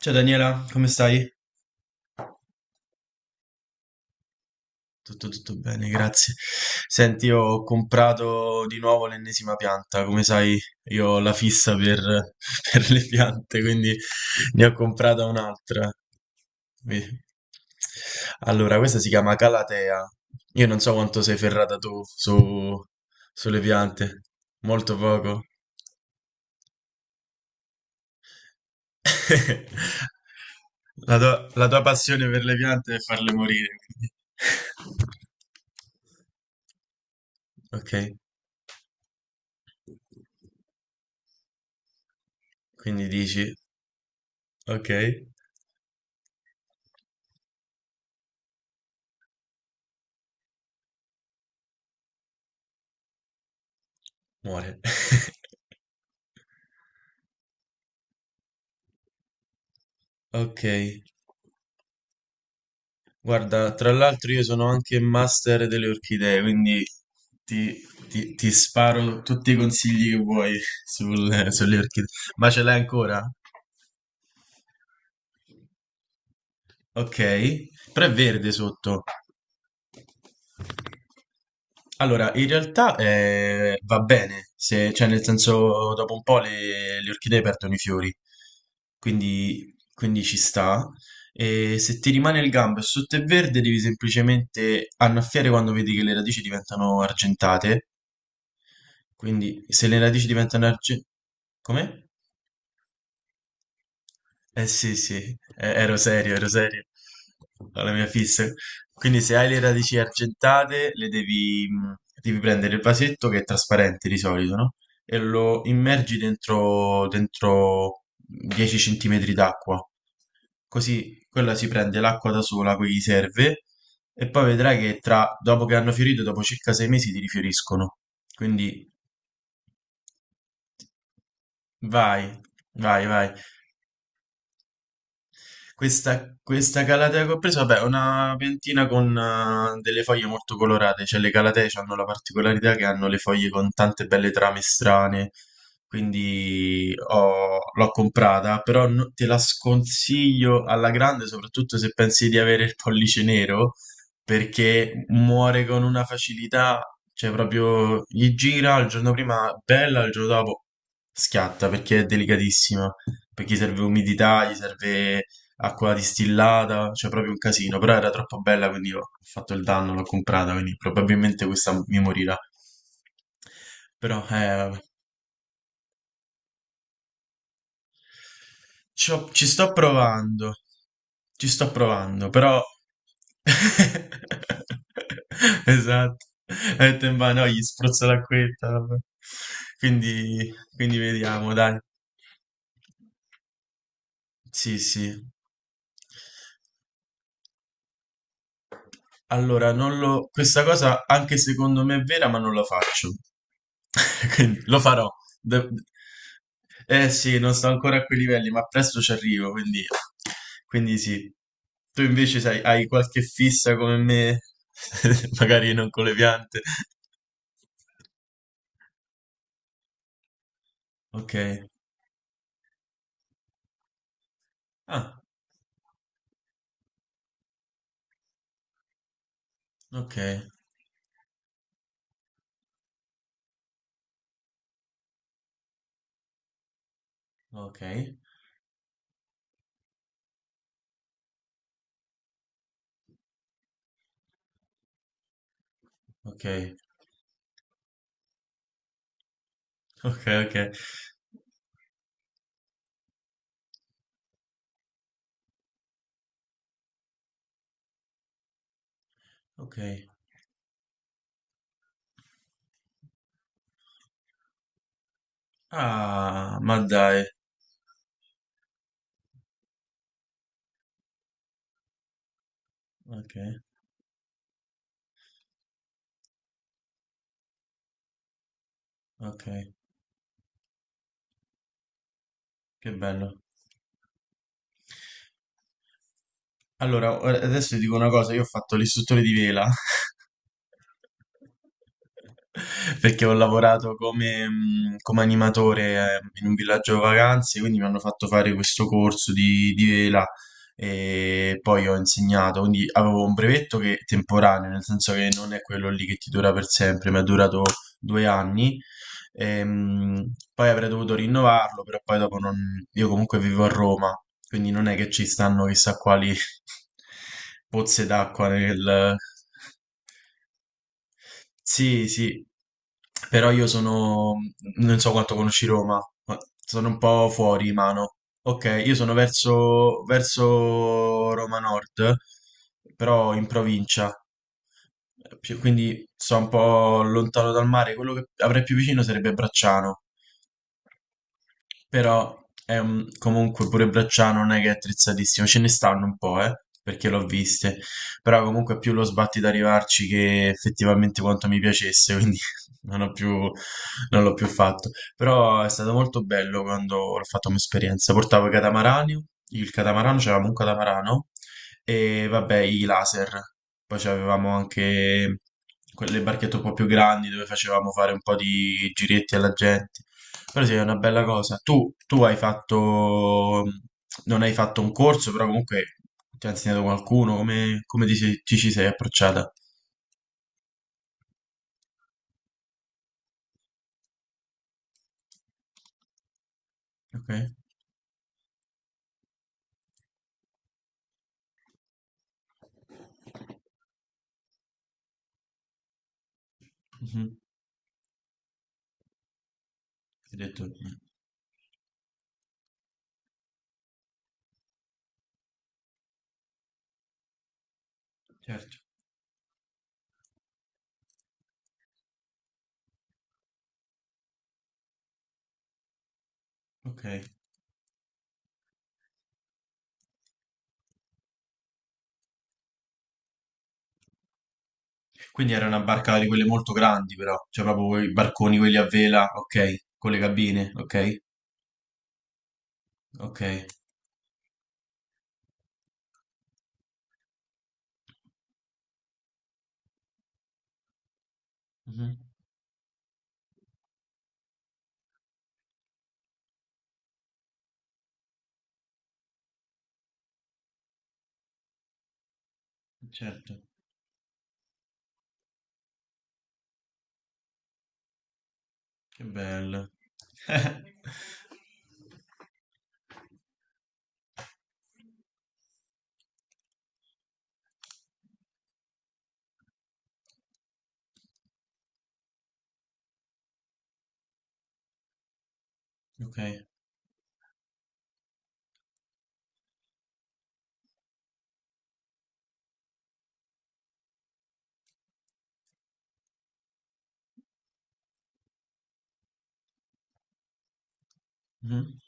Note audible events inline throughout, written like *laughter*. Ciao Daniela, come stai? Tutto, tutto bene, grazie. Senti, ho comprato di nuovo l'ennesima pianta. Come sai, io ho la fissa per, *laughs* per le piante, quindi ne ho comprata un'altra. Vedi? Allora, questa si chiama Calatea. Io non so quanto sei ferrata tu sulle piante. Molto poco. *laughs* La tua passione per le piante è farle morire, quindi. *laughs* Ok, quindi dici, ok, muore. *laughs* Ok, guarda, tra l'altro io sono anche master delle orchidee, quindi ti, ti sparo tutti i consigli che vuoi *laughs* sulle orchidee. Ma ce l'hai ancora? Ok, però è verde sotto. Allora, in realtà va bene, cioè nel senso dopo un po' le orchidee perdono i fiori, quindi ci sta. E se ti rimane il gambo e sotto è verde, devi semplicemente annaffiare quando vedi che le radici diventano argentate. Quindi se le radici diventano argentate. Come? Eh sì, sì, ero serio alla mia fissa. Quindi se hai le radici argentate, le devi, devi prendere il vasetto che è trasparente di solito, no? E lo immergi dentro 10 centimetri d'acqua. Così quella si prende l'acqua da sola, a cui gli serve, e poi vedrai che dopo che hanno fiorito, dopo circa 6 mesi ti rifioriscono. Quindi vai, vai, vai. Questa calatea che ho preso, vabbè, è una piantina con delle foglie molto colorate, cioè le calatee hanno la particolarità che hanno le foglie con tante belle trame strane, quindi l'ho comprata, però te la sconsiglio alla grande, soprattutto se pensi di avere il pollice nero, perché muore con una facilità, cioè proprio gli gira il giorno prima, bella, il giorno dopo schiatta, perché è delicatissima perché gli serve umidità, gli serve acqua distillata, cioè proprio un casino, però era troppo bella, quindi ho fatto il danno, l'ho comprata, quindi probabilmente questa mi morirà. Però ci ho- ci sto provando, ci sto provando, però. *laughs* Esatto, ha detto in mano, gli spruzzo l'acquetta, vabbè. Quindi vediamo, dai. Sì, sì. Allora, non lo. Questa cosa anche secondo me è vera, ma non la faccio. *laughs* Quindi lo farò. De- Eh sì, non sto ancora a quei livelli, ma presto ci arrivo, quindi sì. Tu invece sai, hai qualche fissa come me, *laughs* magari non con le piante. Ok. Ah, ok, ok, ok, ok, ok, ok. Ah, ma dai. Ok, ok, che bello. Allora, adesso ti dico una cosa, io ho fatto l'istruttore di vela *laughs* perché ho lavorato come animatore in un villaggio vacanze, quindi mi hanno fatto fare questo corso di vela e poi ho insegnato, quindi avevo un brevetto che è temporaneo, nel senso che non è quello lì che ti dura per sempre, mi è durato 2 anni. Poi avrei dovuto rinnovarlo, però poi dopo non. Io comunque vivo a Roma, quindi non è che ci stanno chissà quali *laughs* pozze d'acqua nel. Sì, sì, però non so quanto conosci Roma, ma sono un po' fuori mano. Ok, io sono verso Roma Nord, però in provincia, quindi sto un po' lontano dal mare. Quello che avrei più vicino sarebbe Bracciano. Però comunque pure Bracciano non è che è attrezzatissimo, ce ne stanno un po', perché l'ho viste, però comunque è più lo sbatti da arrivarci che effettivamente quanto mi piacesse, quindi *laughs* non ho più, non l'ho più fatto. Però è stato molto bello quando l'ho fatto come esperienza. Portavo i catamarani, il catamarano, c'avevamo un catamarano e vabbè i laser, poi avevamo anche quelle barchette un po' più grandi dove facevamo fare un po' di giretti alla gente. Però sì, è una bella cosa. Tu hai fatto, non hai fatto un corso, però comunque ti ha insegnato qualcuno, come ti ci sei approcciata? Ok? Mhm. Hai detto, certo, ok. Quindi era una barca di quelle molto grandi, però, cioè proprio quei barconi, quelli a vela, ok, con le cabine, ok, ok. Mhm. Certo. Che belle. *laughs* Okay. Mh-mh.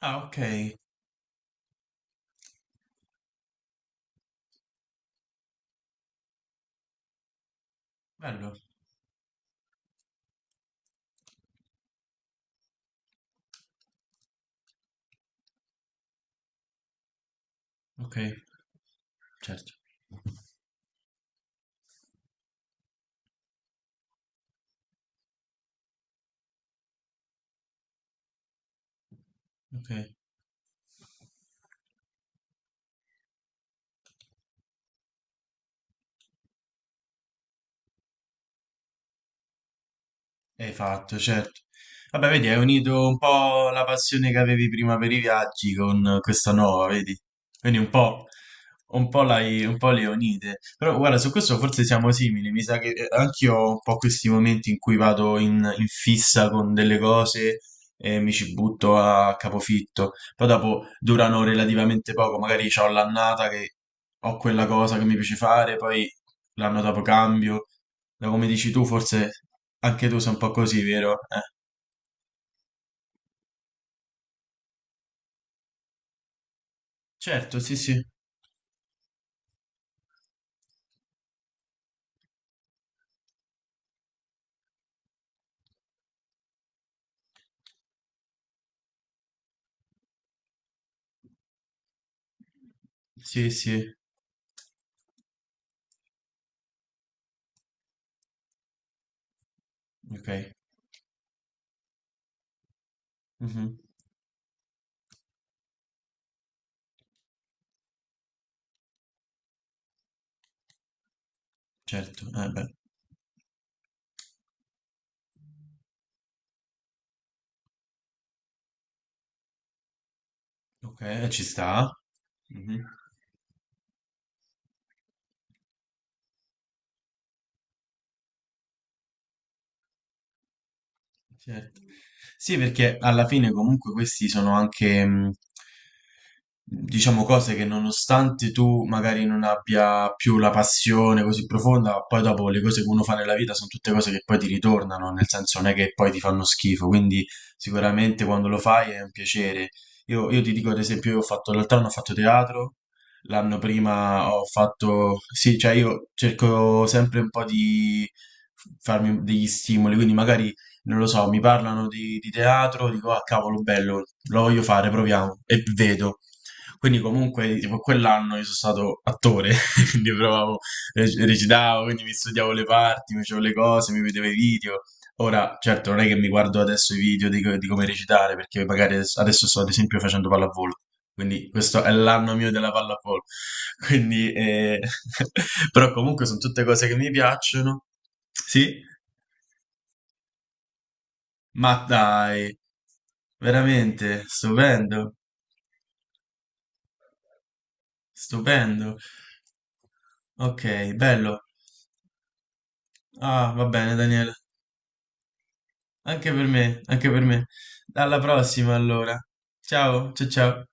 Ah, okay. Bello. Okay, certo. Okay. Hai fatto, certo. Vabbè, vedi, hai unito un po' la passione che avevi prima per i viaggi con questa nuova, vedi? Quindi un po', un po', un po' le unite. Però guarda, su questo forse siamo simili. Mi sa che anch'io ho un po' questi momenti in cui vado in fissa con delle cose e mi ci butto a capofitto. Poi dopo durano relativamente poco, magari ho l'annata che ho quella cosa che mi piace fare, poi l'anno dopo cambio. Da come dici tu, forse anche tu sei un po' così, vero? Certo, sì, sì. Sì, sì. Ok. Mhm. Certo, eh beh. Ok, ci sta. Mhm. Certo. Sì, perché alla fine comunque questi sono anche, diciamo, cose che nonostante tu magari non abbia più la passione così profonda, poi dopo le cose che uno fa nella vita sono tutte cose che poi ti ritornano, nel senso non è che poi ti fanno schifo, quindi sicuramente quando lo fai è un piacere. Io ti dico, ad esempio, io ho fatto l'altro anno ho fatto teatro, l'anno prima ho fatto, sì, cioè io cerco sempre un po' di farmi degli stimoli, quindi magari non lo so, mi parlano di teatro, dico, ah cavolo, bello, lo voglio fare, proviamo, e vedo. Quindi comunque, tipo, quell'anno io sono stato attore, *laughs* quindi provavo, recitavo, quindi mi studiavo le parti, mi facevo le cose, mi vedevo i video. Ora, certo, non è che mi guardo adesso i video di come recitare, perché magari adesso sto ad esempio facendo pallavolo, quindi questo è l'anno mio della pallavolo. *laughs* Quindi, *laughs* però comunque sono tutte cose che mi piacciono, sì, ma dai, veramente stupendo, stupendo. Ok, bello. Ah, va bene, Daniele. Anche per me, anche per me. Alla prossima, allora. Ciao, ciao, ciao.